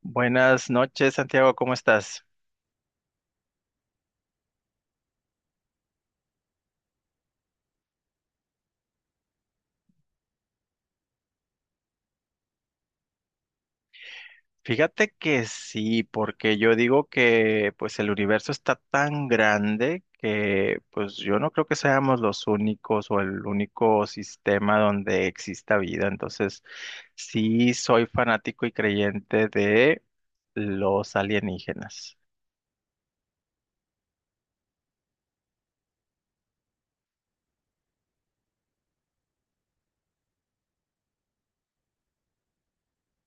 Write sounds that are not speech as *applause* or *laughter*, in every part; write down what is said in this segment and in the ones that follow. Buenas noches, Santiago, ¿cómo estás? Fíjate que sí, porque yo digo que pues el universo está tan grande que pues yo no creo que seamos los únicos o el único sistema donde exista vida. Entonces, sí soy fanático y creyente de los alienígenas.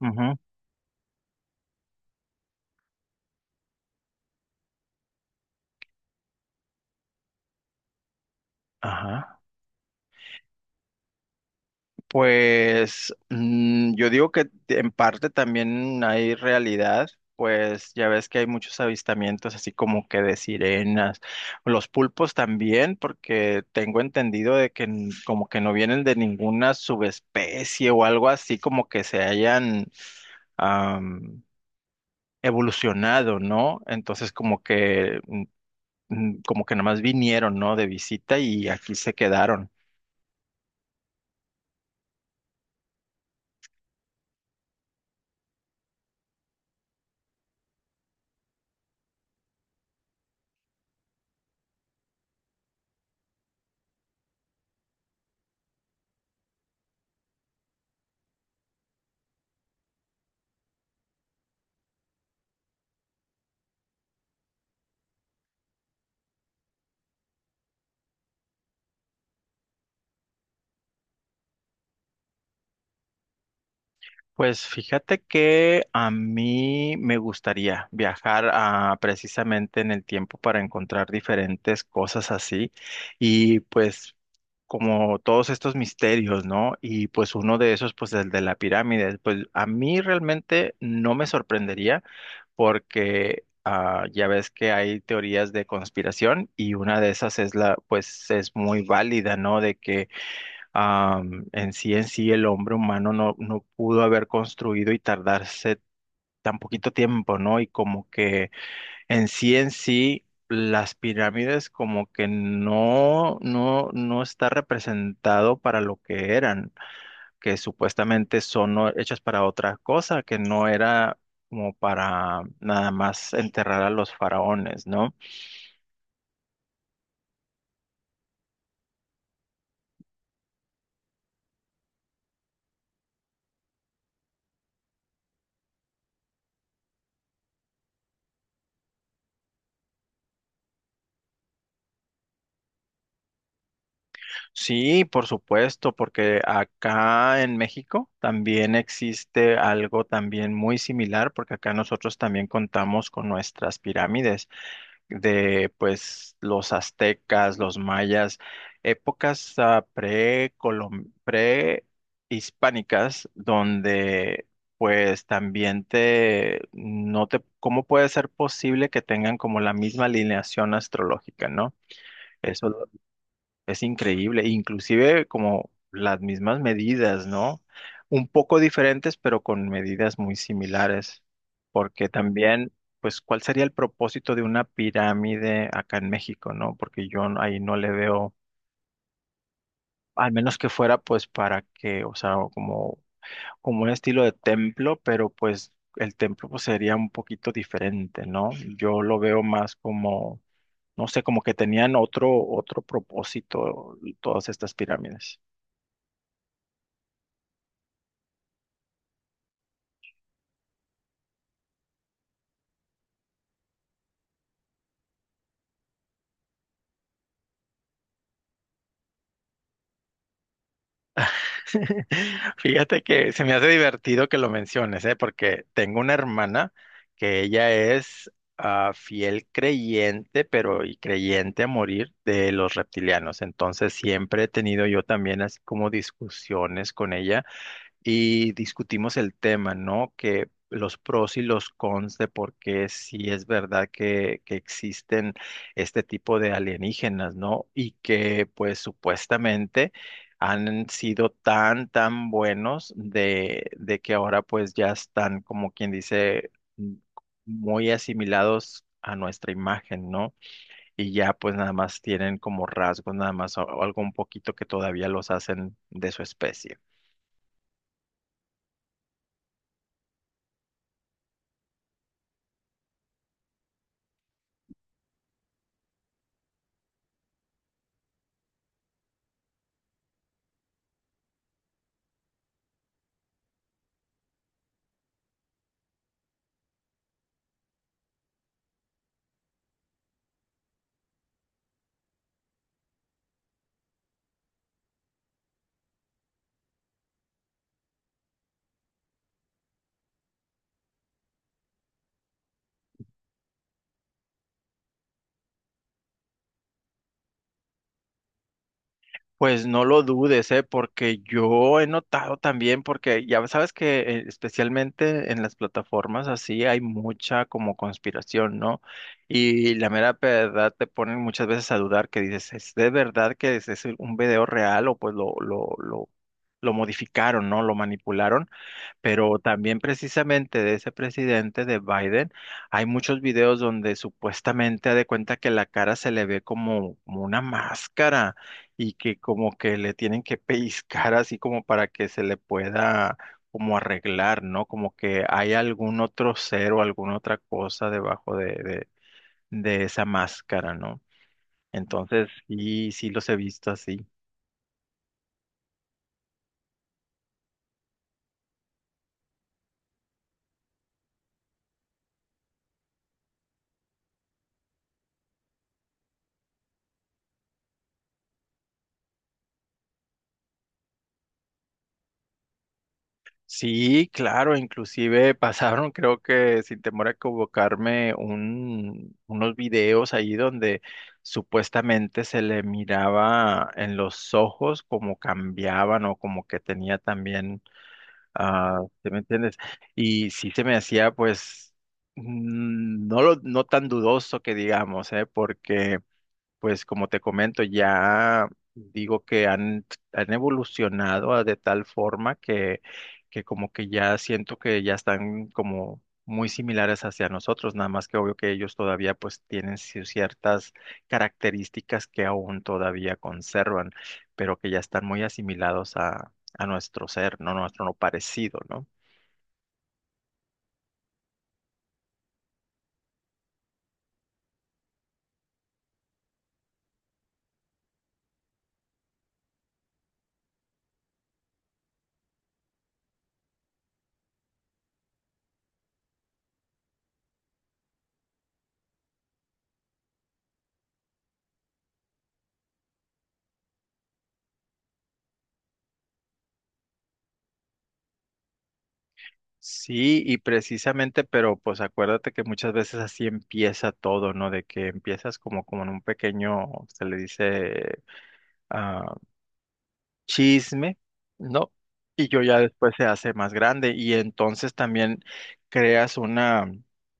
Ujú. Ajá. Pues yo digo que en parte también hay realidad, pues ya ves que hay muchos avistamientos así como que de sirenas, los pulpos también, porque tengo entendido de que como que no vienen de ninguna subespecie o algo así como que se hayan am, evolucionado, ¿no? Entonces como que como que nada más vinieron, ¿no? De visita y aquí se quedaron. Pues fíjate que a mí me gustaría viajar a, precisamente en el tiempo para encontrar diferentes cosas así y pues como todos estos misterios, ¿no? Y pues uno de esos, pues el de la pirámide, pues a mí realmente no me sorprendería porque ya ves que hay teorías de conspiración y una de esas es la, pues es muy válida, ¿no? De que en sí, el hombre humano no pudo haber construido y tardarse tan poquito tiempo, ¿no? Y como que en sí, las pirámides como que no está representado para lo que eran, que supuestamente son, ¿no?, hechas para otra cosa, que no era como para nada más enterrar a los faraones, ¿no? Sí, por supuesto, porque acá en México también existe algo también muy similar, porque acá nosotros también contamos con nuestras pirámides de pues los aztecas, los mayas, épocas prehispánicas donde pues también te no te, ¿cómo puede ser posible que tengan como la misma alineación astrológica?, ¿no? Eso es increíble, inclusive como las mismas medidas, ¿no? Un poco diferentes, pero con medidas muy similares, porque también, pues, ¿cuál sería el propósito de una pirámide acá en México?, ¿no? Porque yo ahí no le veo, al menos que fuera, pues, para que, o sea, como, como un estilo de templo, pero pues el templo pues, sería un poquito diferente, ¿no? Yo lo veo más como, no sé, como que tenían otro, otro propósito todas estas pirámides. *laughs* Fíjate que se me hace divertido que lo menciones, ¿eh? Porque tengo una hermana que ella es fiel creyente, pero y creyente a morir de los reptilianos. Entonces siempre he tenido yo también así como discusiones con ella y discutimos el tema, ¿no? Que los pros y los cons de por qué sí es verdad que existen este tipo de alienígenas, ¿no? Y que pues supuestamente han sido tan, tan buenos de que ahora pues ya están como quien dice m- muy asimilados a nuestra imagen, ¿no? Y ya pues nada más tienen como rasgos, nada más algo un poquito que todavía los hacen de su especie. Pues no lo dudes, ¿eh? Porque yo he notado también, porque ya sabes que especialmente en las plataformas así hay mucha como conspiración, ¿no? Y la mera verdad te ponen muchas veces a dudar que dices, ¿es de verdad que es un video real o pues lo modificaron, ¿no? Lo manipularon. Pero también precisamente de ese presidente de Biden, hay muchos videos donde supuestamente ha de cuenta que la cara se le ve como, como una máscara y que como que le tienen que pellizcar así como para que se le pueda como arreglar, ¿no? Como que hay algún otro ser o alguna otra cosa debajo de esa máscara, ¿no? Entonces, sí, sí los he visto así. Sí, claro, inclusive pasaron, creo que sin temor a equivocarme, unos videos ahí donde supuestamente se le miraba en los ojos como cambiaban o como que tenía también, ¿te me entiendes? Y sí se me hacía pues no, no tan dudoso que digamos, ¿eh? Porque... Pues como te comento, ya digo que han evolucionado de tal forma que como que ya siento que ya están como muy similares hacia nosotros, nada más que obvio que ellos todavía pues tienen ciertas características que aún todavía conservan, pero que ya están muy asimilados a nuestro ser, no nuestro no parecido, ¿no? Sí, y precisamente, pero pues acuérdate que muchas veces así empieza todo, ¿no? De que empiezas como, como en un pequeño, se le dice, ah, chisme, ¿no? Y yo ya después se hace más grande y entonces también creas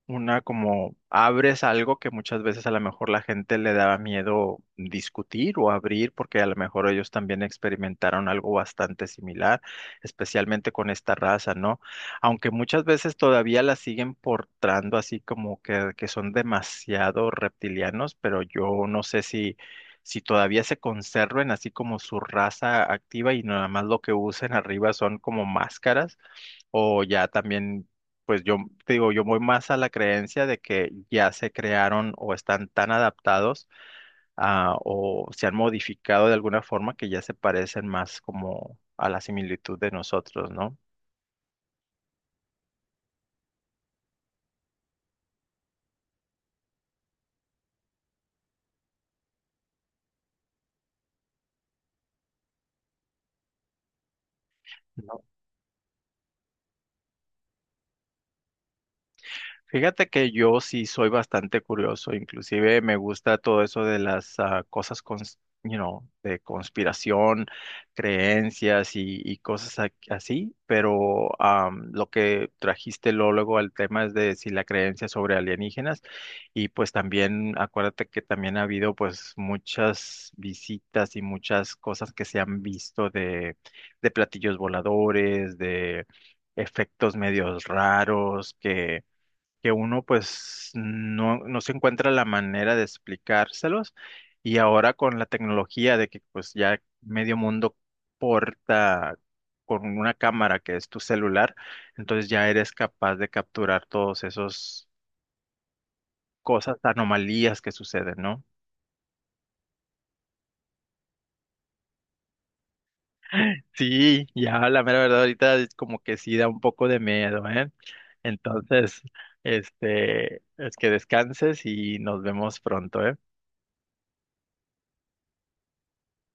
una como abres algo que muchas veces a lo mejor la gente le daba miedo discutir o abrir porque a lo mejor ellos también experimentaron algo bastante similar, especialmente con esta raza, ¿no? Aunque muchas veces todavía la siguen portando así como que son demasiado reptilianos, pero yo no sé si todavía se conserven así como su raza activa y nada más lo que usen *laughs* arriba son como máscaras o ya también, pues yo te digo, yo voy más a la creencia de que ya se crearon o están tan adaptados a, o se han modificado de alguna forma que ya se parecen más como a la similitud de nosotros, ¿no? Fíjate que yo sí soy bastante curioso, inclusive me gusta todo eso de las de conspiración, creencias y así, pero lo que trajiste luego al tema es de si la creencia sobre alienígenas y pues también acuérdate que también ha habido pues muchas visitas y muchas cosas que se han visto de platillos voladores, de efectos medios raros que uno pues no, no se encuentra la manera de explicárselos y ahora con la tecnología de que pues ya medio mundo porta con una cámara que es tu celular, entonces ya eres capaz de capturar todos esos cosas, anomalías que suceden, ¿no? Sí, ya la mera verdad ahorita es como que sí da un poco de miedo, ¿eh? Entonces, este, es que descanses y nos vemos pronto, ¿eh?